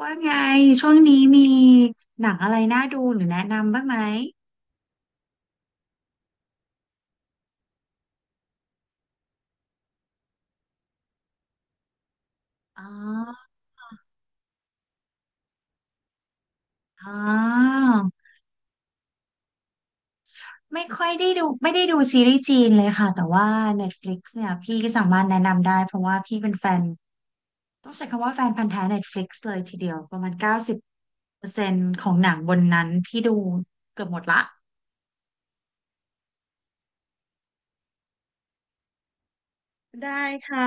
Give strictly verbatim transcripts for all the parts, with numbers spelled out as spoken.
ว่าไงช่วงนี้มีหนังอะไรน่าดูหรือแนะนำบ้างไหมอ๋ออ๋อไม่ค่อยได้ดูไม่ได้ดูซีรีส์จีนเลยค่ะแต่ว่า Netflix เนี่ยพี่ก็สามารถแนะนำได้เพราะว่าพี่เป็นแฟนต้องใช้คำว่าแฟนพันธุ์แท้ Netflix เลยทีเดียวประมาณเก้าสิบเปอร์เซ็นต์ของหนังบนนั้นพี่ดูเกือบหมดละได้ค่ะ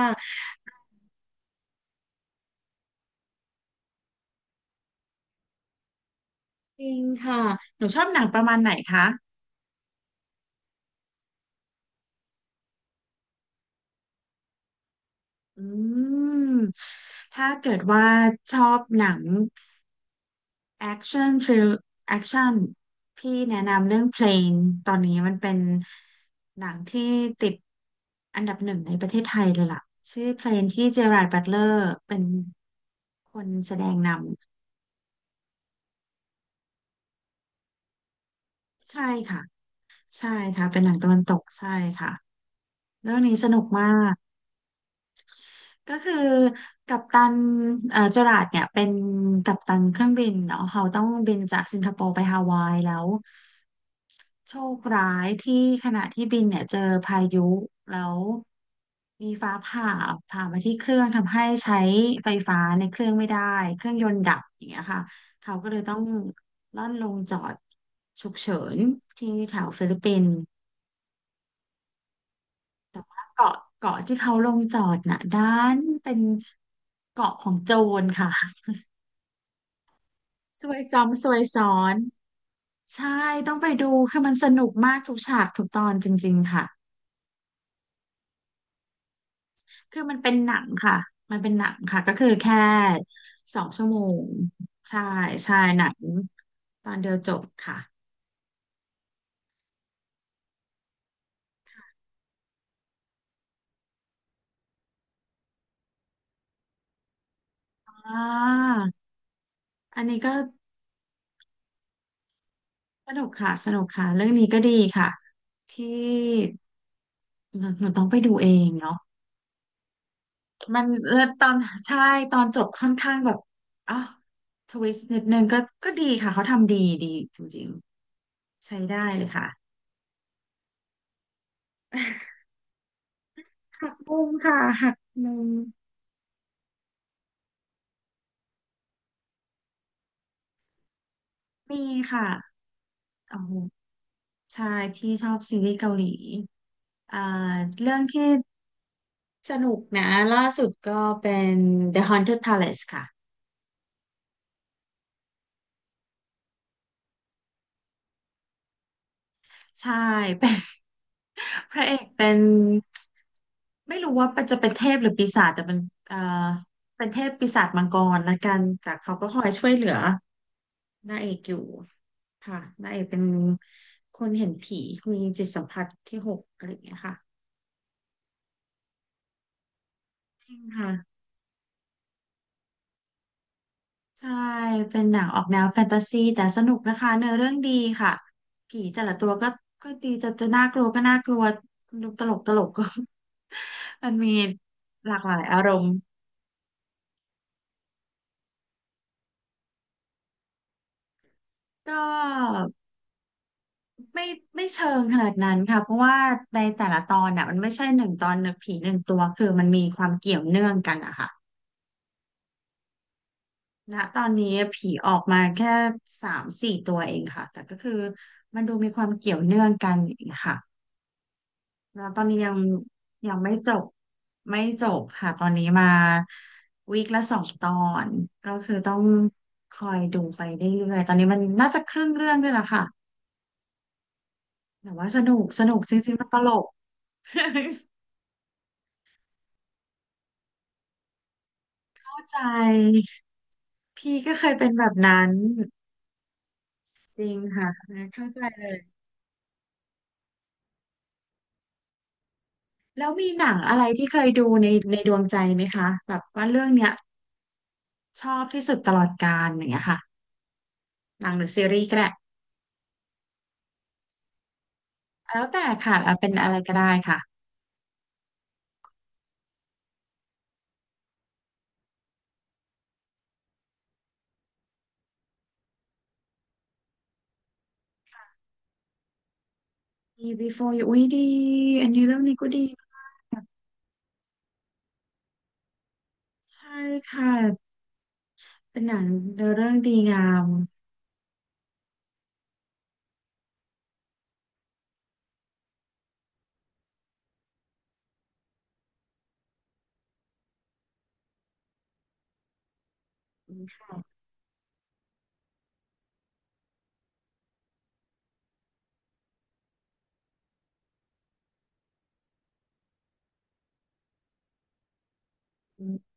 จริงค่ะหนูชอบหนังประมาณไหนคะอืมถ้าเกิดว่าชอบหนัง action thrill action พี่แนะนำเรื่องเพลงตอนนี้มันเป็นหนังที่ติดอันดับหนึ่งในประเทศไทยเลยล่ะชื่อเพลงที่เจอราร์ดบัตเลอร์เป็นคนแสดงนำใช่ค่ะใช่ค่ะเป็นหนังตะวันตกใช่ค่ะเรื่องนี้สนุกมากก็คือกัปตันเอ่อเจอราร์ดเนี่ยเป็นกัปตันเครื่องบินเนาะเขาต้องบินจากสิงคโปร์ไปฮาวายแล้ว โชคร้ายที่ขณะที่บินเนี่ยเจอพายุแล้วมีฟ้าผ่าผ่ามาที่เครื่องทำให้ใช้ไฟฟ้าในเครื่องไม่ได้เครื่องยนต์ดับอย่างเงี้ยค่ะเขาก็เลยต้องล่อนลงจอดฉุกเฉินที่แถวฟิลิปปินส์เกาะเกาะที่เขาลงจอดน่ะด้านเป็นเกาะของโจรค่ะ ซวยซ้ำซวยซ้อนใช่ต้องไปดูคือมันสนุกมากทุกฉากทุกตอนจริงๆค่ะ คือมันเป็นหนังค่ะมันเป็นหนังค่ะก็คือแค่สองชั่วโมงใช่ใช่หนังตอนเดียวจบค่ะอ่าอันนี้ก็สนุกค่ะสนุกค่ะเรื่องนี้ก็ดีค่ะที่หนูหนูต้องไปดูเองเนาะมันเออตอนใช่ตอนจบค่อนข้างแบบอ๋อทวิสต์นิดนึงก็ก็ดีค่ะเขาทำดีดีจริงๆใช้ได้เลยค่ะ หักมุมค่ะหักมุมมีค่ะโอ้โห ใช่พี่ชอบซีรีส์เกาหลีอ่าเรื่องที่สนุกนะล่าสุดก็เป็น The Haunted Palace ค่ะใช่เป็น พระเอกเป็นไม่รู้ว่าจะเป็นเทพหรือปีศาจแต่เป็นเอ่อเป็นเทพปีศาจมังกรละกันแต่เขาก็คอยช่วยเหลือนางเอกอยู่ค่ะนางเอกเป็นคนเห็นผีมีจิตสัมผัสที่หกอะไรอย่างเงี้ยค่ะจริงค่ะ ใช่เป็นหนังออกแนวแฟนตาซีแต่สนุกนะคะเนื้อเรื่องดีค่ะผีแต่ละตัวก็ก็ดีจะจะน่ากลัวก็น่ากลัวดูตลกตลกก็ มันมีหลากหลายอารมณ์ก็ไม่ไม่เชิงขนาดนั้นค่ะเพราะว่าในแต่ละตอนน่ะมันไม่ใช่หนึ่งตอนหนึ่งผีหนึ่งตัวคือมันมีความเกี่ยวเนื่องกันอะค่ะณตอนนี้ผีออกมาแค่สามสี่ตัวเองค่ะแต่ก็คือมันดูมีความเกี่ยวเนื่องกันอย่างเงี้ยค่ะ แล้วตอนนี้ยังยังไม่จบไม่จบค่ะตอนนี้มาวีคละสองตอนก็คือต้องคอยดูไปเรื่อยๆตอนนี้มันน่าจะครึ่งเรื่องด้วยล่ะค่ะแต่ว่าสนุกสนุกจริงๆมันตลก เข้าใจพี่ก็เคยเป็นแบบนั้นจริงค่ะเข้าใจเลยแล้วมีหนังอะไรที่เคยดูในในดวงใจไหมคะแบบว่าเรื่องเนี้ยชอบที่สุดตลอดกาลอย่างเงี้ยค่ะหนังหรือซีรีส์ก็ได้แล้วแต่ค่ะเอาเป็นอะไรก็ได้ค่ะ ดี Before You อุ้ยดีอันนี้เรื่องนี้ก็ดีใช่ค่ะเป็นหนังเนื้อเรื่องดีงามอืมค่ะอืม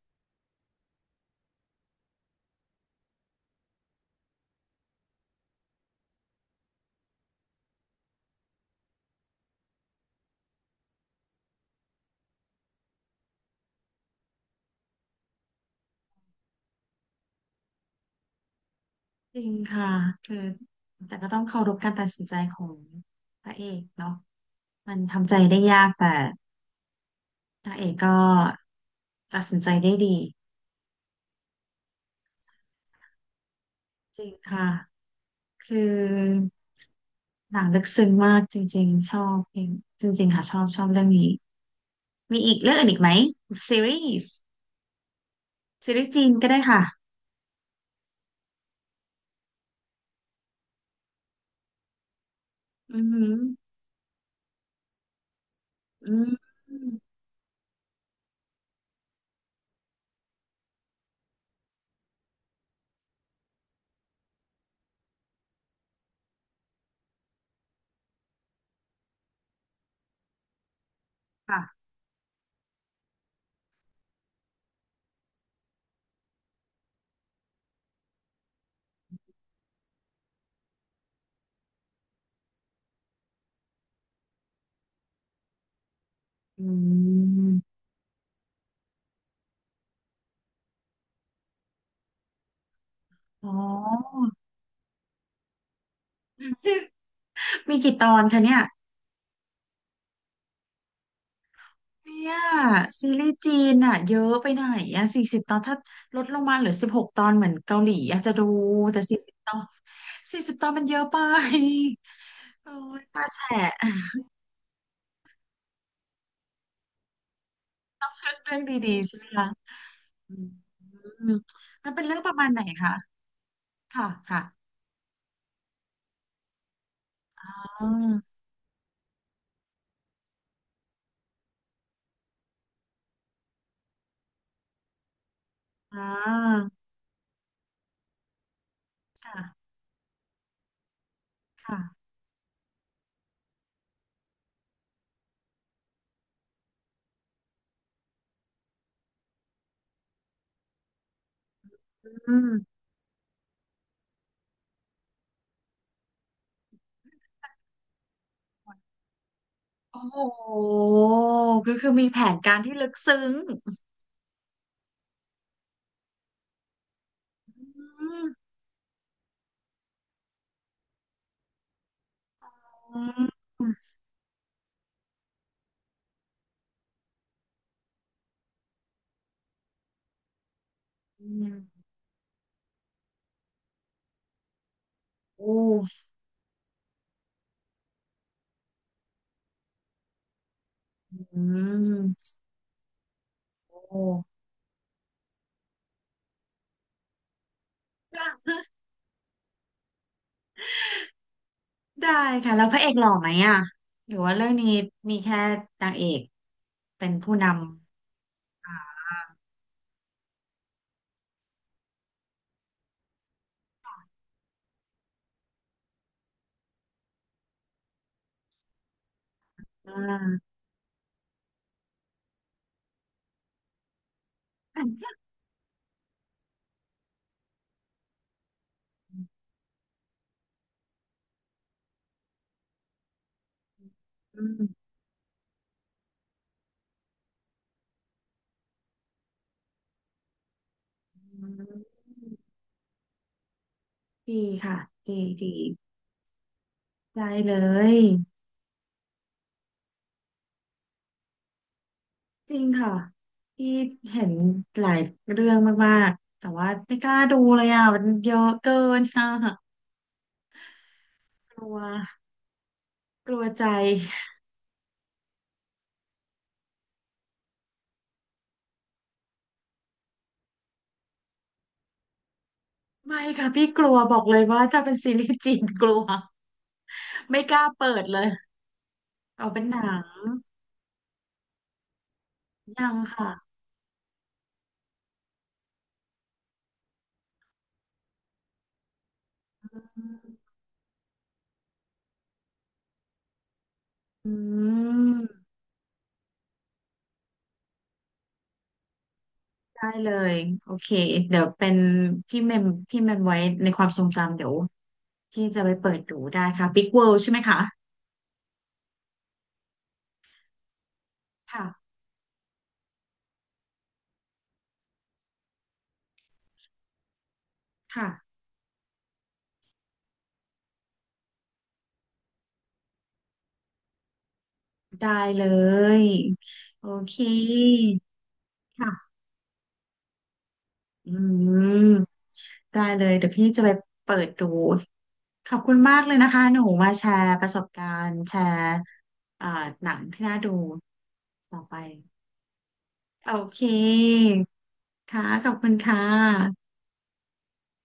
จริงค่ะคือแต่ก็ต้องเคารพการตัดสินใจของพระเอกเนาะมันทำใจได้ยากแต่พระเอกก็ตัดสินใจได้ดีจริงค่ะคือหนังลึกซึ้งมากจริงๆชอบจริงจริงๆค่ะชอบชอบเรื่องนี้มีอีกเรื่องอื่นอีกไหมซีรีส์ซีรีส์จีนก็ได้ค่ะอือหืออืม ค่ะอืมอ๋อมีกี่ตอนคะเนี่ยเนี่ยซีรีส์จีนอ่ะเยอะไปไหนอ่ะสี่สิบตอนถ้าลดลงมาเหลือสิบหกตอนเหมือนเกาหลีอยากจะดูแต่สี่สิบตอนสี่สิบตอนมันเยอะไป โอ้ยตาแฉะ เรื่องดีๆใช่ไหมคะอืมมันเป็นเรื่องประมาณไหนคะค่ะค่ะอ๋ออ่าค่ะค่ะอืมโอ้โหก็คือมีแผนการที่ลึกซึ้ง อืมอืมอืมโอ้อืมโอ้ได้ค่ะแล้วพระเอกหล่อไหมอ่ะหรือว่าเรื่องนี้มีแค่นางเอกเป็นผู้นำอ่าอืมอืมดีค่ะดีดีได้เลยจริงค่ะที่เห็นหลายเรื่องมากๆแต่ว่าไม่กล้าดูเลยอ่ะมันเยอะเกินค่ะกลัวกลัวใจ ไม่ค่ะพี่กลัวบอกเลยว่าถ้าเป็นซีรีส์จีนกลัวไม่กล้าเปิดเลยเอาเป็นหนังยังค่ะอืมได้เลยโอเคเดี๋ยวเป็นพี่เมมพี่เมมไว้ในความทรงจำเดี๋ยวพี่จะไปเปิดดูได้ค่ะ Big World ใช่ไหมคะค่ะค่ะได้เลยโอเคค่ะ อืมได้เลยเดี๋ยวพี่จะไปเปิดดูขอบคุณมากเลยนะคะหนูมาแชร์ประสบการณ์แชร์เอ่อหนังที่น่าดูต่อไปโอเคค่ะขอบคุณค่ะ